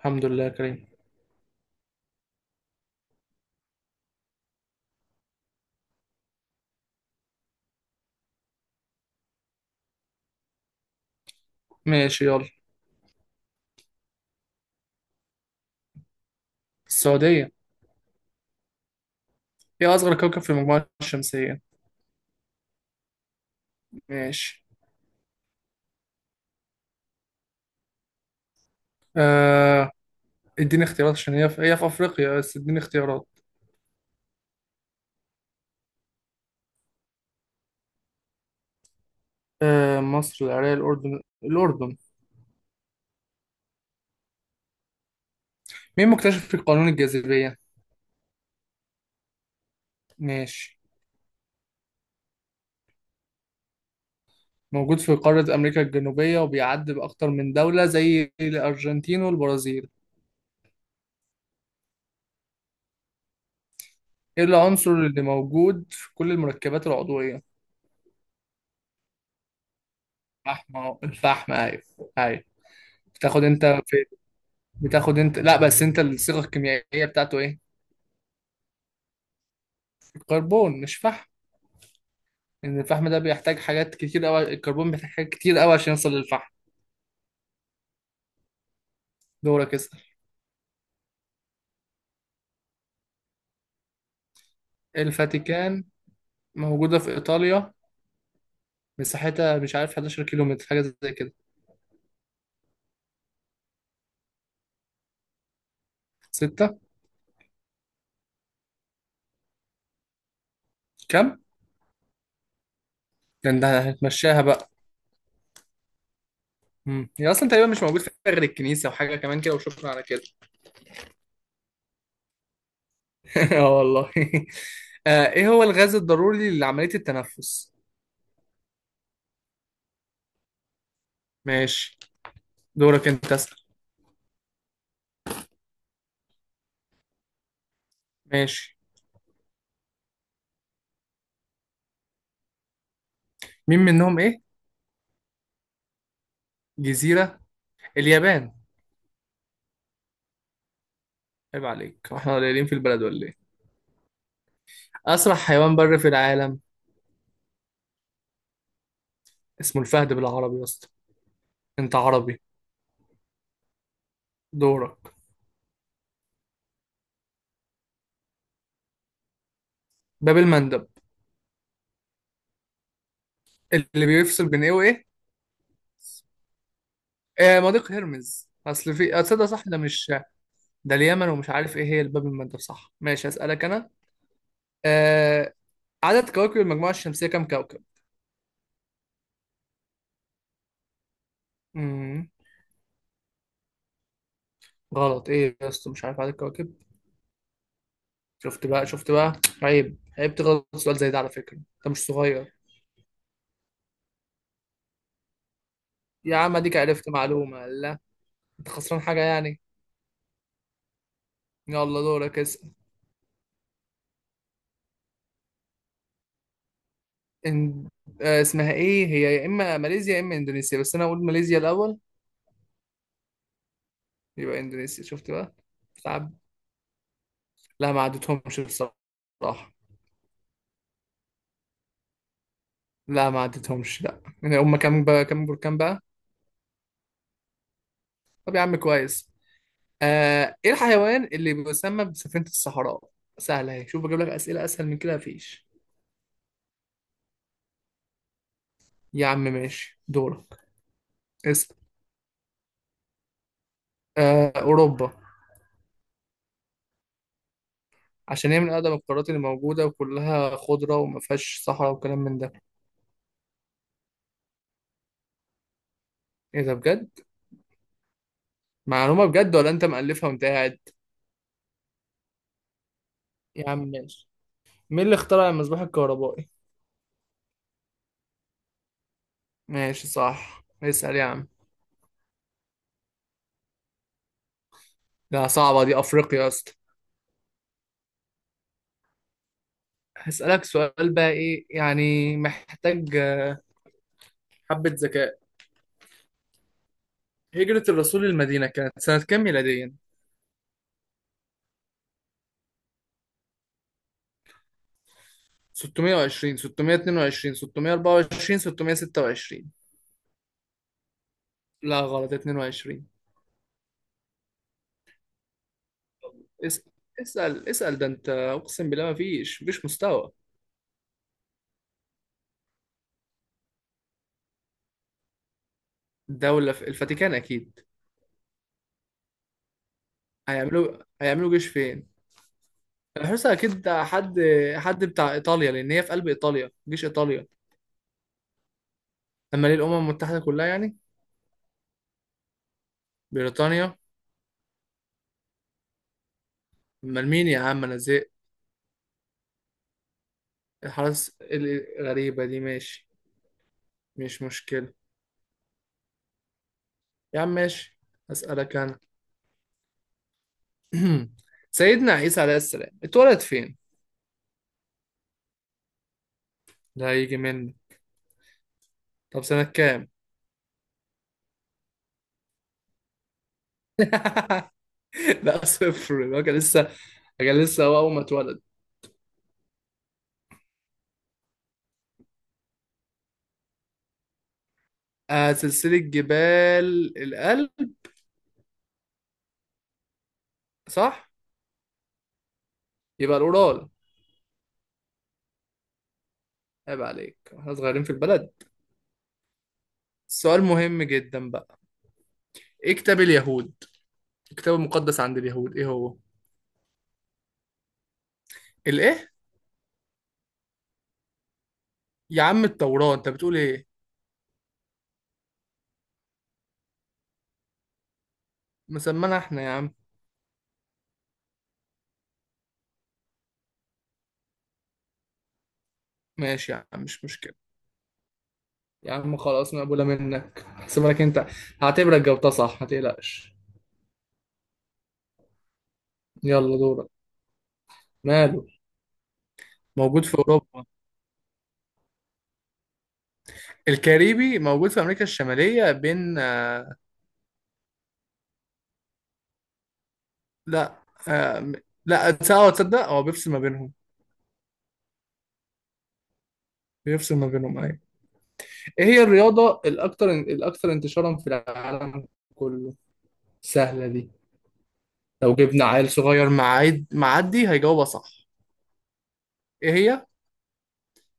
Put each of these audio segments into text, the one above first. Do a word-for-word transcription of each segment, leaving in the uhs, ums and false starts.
الحمد لله يا كريم. ماشي، يلا. السعودية. ايه أصغر كوكب في المجموعة الشمسية؟ ماشي. آه، اديني اختيارات عشان هي في هي في أفريقيا، بس اديني اختيارات. آه، مصر، العراق، الأردن، الأردن. مين مكتشف قانون الجاذبية؟ ماشي. موجود في قارة أمريكا الجنوبية وبيعدي بأكتر من دولة زي الأرجنتين والبرازيل. ايه العنصر اللي موجود في كل المركبات العضوية؟ الفحم أهو، الفحم، أيوه. أيوه. بتاخد انت في بتاخد انت، لا، بس انت الصيغة الكيميائية بتاعته ايه؟ كربون مش فحم. ان الفحم ده بيحتاج حاجات كتير قوي، الكربون بيحتاج حاجات كتير قوي عشان يوصل للفحم. دورك، اسأل. الفاتيكان. موجودة في إيطاليا. مساحتها مش عارف، احداشر كيلو متر، حاجة زي كده. ستة. كم؟ ده انت هتمشاها بقى. مم. هي أصلا تقريبا مش موجود فيها غير الكنيسة وحاجة كمان كده، وشكرا على كده. اه، والله. آه، ايه هو الغاز الضروري لعملية التنفس؟ ماشي. دورك انت، اسأل. ماشي. مين منهم ايه؟ جزيرة. اليابان. عيب عليك، واحنا قليلين في البلد ولا ايه؟ أسرع حيوان بري في العالم. اسمه الفهد بالعربي يا اسطى. أنت عربي. دورك. باب المندب. اللي بيفصل بين إيه وإيه؟ آه، مضيق هرمز، أصل في أتصدق صح، ده مش. ده اليمن، ومش عارف إيه هي الباب المندب، صح، ماشي، أسألك أنا. آه. عدد كواكب المجموعة الشمسية كام كوكب؟ مم. غلط، إيه يا اسطى، مش عارف عدد كواكب. شفت بقى، شفت بقى. عيب، عيب تغلط في سؤال زي ده، على فكرة أنت مش صغير. يا عم، أديك عرفت معلومة، لا. أنت خسران حاجة يعني. يلا، دورك اسأل. إن... آه، اسمها ايه هي؟ يا اما ماليزيا يا اما اندونيسيا، بس انا اقول ماليزيا الاول. يبقى اندونيسيا، شفت بقى. تعب. لا، ما عدتهمش بصراحه. لا، ما عدتهمش، لا يعني، هم كام بقى؟ كام بركان بقى؟ طب يا عم كويس. آه، ايه الحيوان اللي بيسمى بسفينه الصحراء؟ سهله اهي، شوف بجيب لك اسئله اسهل من كده مفيش. يا عم، ماشي، دورك. اسم آه، اوروبا. عشان هي من اقدم القارات اللي موجوده، وكلها خضره وما فيهاش صحراء وكلام من ده. ايه ده بجد؟ معلومه بجد ولا انت مألفها وانت قاعد؟ يا عم ماشي. مين اللي اخترع المصباح الكهربائي؟ ماشي، صح، اسأل يا عم. لا، صعبة دي، أفريقيا يا اسطى. هسألك سؤال بقى، إيه يعني محتاج آه، حبة ذكاء. هجرة الرسول للمدينة كانت سنة كام ميلاديا؟ ستمية وعشرين، ستمية واتنين وعشرين، ستمية واربعة وعشرين، ستمية وستة وعشرين. لا غلط، اتنين وعشرين. اسأل، اسأل، اسأل، ده أنت أقسم بالله، ما فيش، مفيش مستوى. دولة في الفاتيكان أكيد. هيعملوا هيعملوا جيش فين؟ الحوسة، أكيد حد. حد بتاع إيطاليا، لأن هي في قلب إيطاليا، جيش إيطاليا. أما ليه، الأمم المتحدة كلها يعني. بريطانيا. أمال مين يا عم، أنا زهقت. الحرس الغريبة دي، ماشي. مش مشكلة. يا عم ماشي. أسألك أنا. سيدنا عيسى عليه السلام اتولد فين؟ ده هيجي مني. طب سنة كام؟ لا، صفر، هو كان لسه. كان لسه هو أول ما اتولد. آه، سلسلة جبال الألب. صح؟ يبقى الأورال. عيب عليك، احنا صغيرين في البلد. سؤال مهم جدا بقى. ايه كتاب اليهود؟ الكتاب المقدس عند اليهود ايه هو؟ الايه؟ يا عم التوراة، انت بتقول ايه؟ مسمانا احنا يا عم. ماشي يا عم، مش مشكلة. يا عم خلاص، مقبولة منك، هحسبها لك انت. هعتبرك جاوبتها صح، ما تقلقش. يلا، دورك. ماله. موجود في اوروبا. الكاريبي موجود في امريكا الشمالية، بين. لا. آه. لا، تصدق آه، تصدق هو بيفصل ما بينهم. بيفصل ما بينهم، ايوه. ايه هي الرياضة الاكثر الاكثر انتشارا في العالم؟ كله. سهلة دي. لو جبنا عيل صغير معايد معدي هيجاوبها صح. ايه هي؟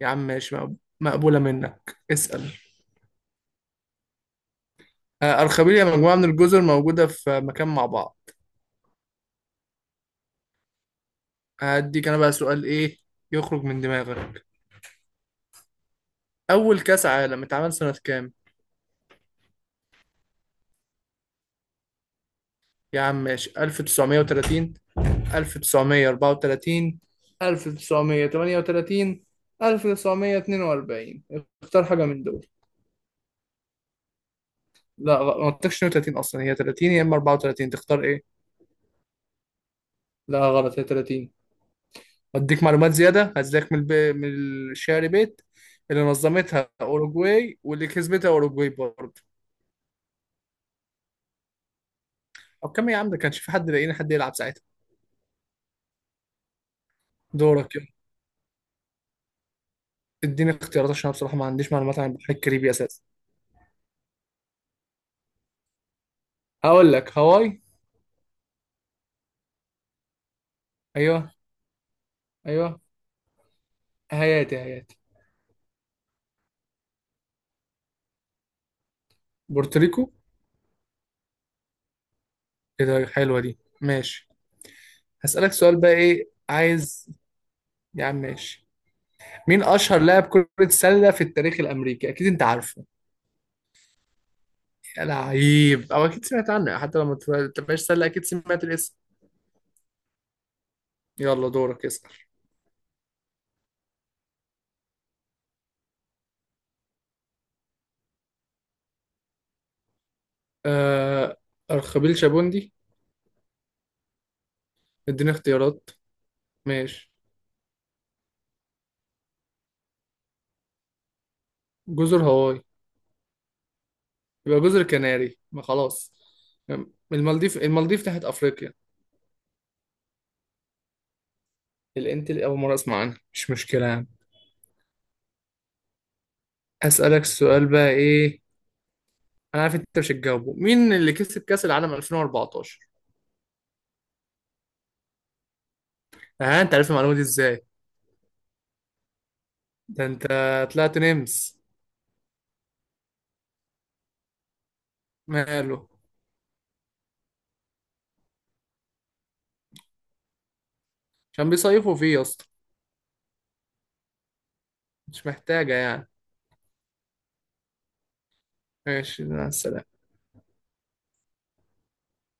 يا عم ماشي، مقب- مقبولة منك، اسأل. آه، أرخبيل يا، مجموعة من الجزر موجودة في مكان مع بعض. هديك أنا بقى سؤال، إيه يخرج من دماغك. أول كأس عالم اتعمل سنة كام؟ يا عم ماشي، ألف وتسعمائة وثلاثين، ألف وتسعمائة وأربعة وثلاثين، الف وتسعمية وتمنية وتلاتين، الف وتسعمية واتنين واربعين. اختار حاجة من دول. لا، غ- ما قلتلكش اتنين وتلاتين أصلا، هي تلاتين يا إما اربعة وتلاتين، تختار إيه؟ لا غلط، هي تلاتين. واديك معلومات زياده، هزيك من الب... من الشعر بيت. اللي نظمتها اوروجواي واللي كسبتها اوروجواي برضه. او كم يا عم، ده كانش في حد لاقيين حد يلعب ساعتها. دورك، يلا. اديني اختيارات عشان انا بصراحه ما عنديش معلومات عن البحر الكاريبي اساسا. هقول لك هاواي. ايوه. ايوه. هياتي، هياتي. بورتوريكو. ايه ده، حلوه دي، ماشي. هسألك سؤال بقى، ايه عايز. يا عم ماشي. مين اشهر لاعب كرة سلة في التاريخ الامريكي؟ اكيد انت عارفه. يا لعيب، او اكيد سمعت عنه، حتى لو ما تبقاش سله اكيد سمعت الاسم. يلا، دورك اسأل. آه، أرخبيل شابوندي. اديني اختيارات. ماشي، جزر هاواي. يبقى جزر كناري، ما خلاص. المالديف، المالديف تحت أفريقيا. الانت، أول مرة أسمع عنها، مش مشكلة يعني. أسألك السؤال بقى، إيه. أنا عارف أنت مش هتجاوبه، مين اللي كسب كأس العالم الفين واربعتاشر؟ ها، أنت عارف المعلومة دي إزاي؟ ده أنت. طلعت نمس. ماله. عشان بيصيفوا فيه يا اسطى. مش محتاجة يعني. ماشي، مع السلامة.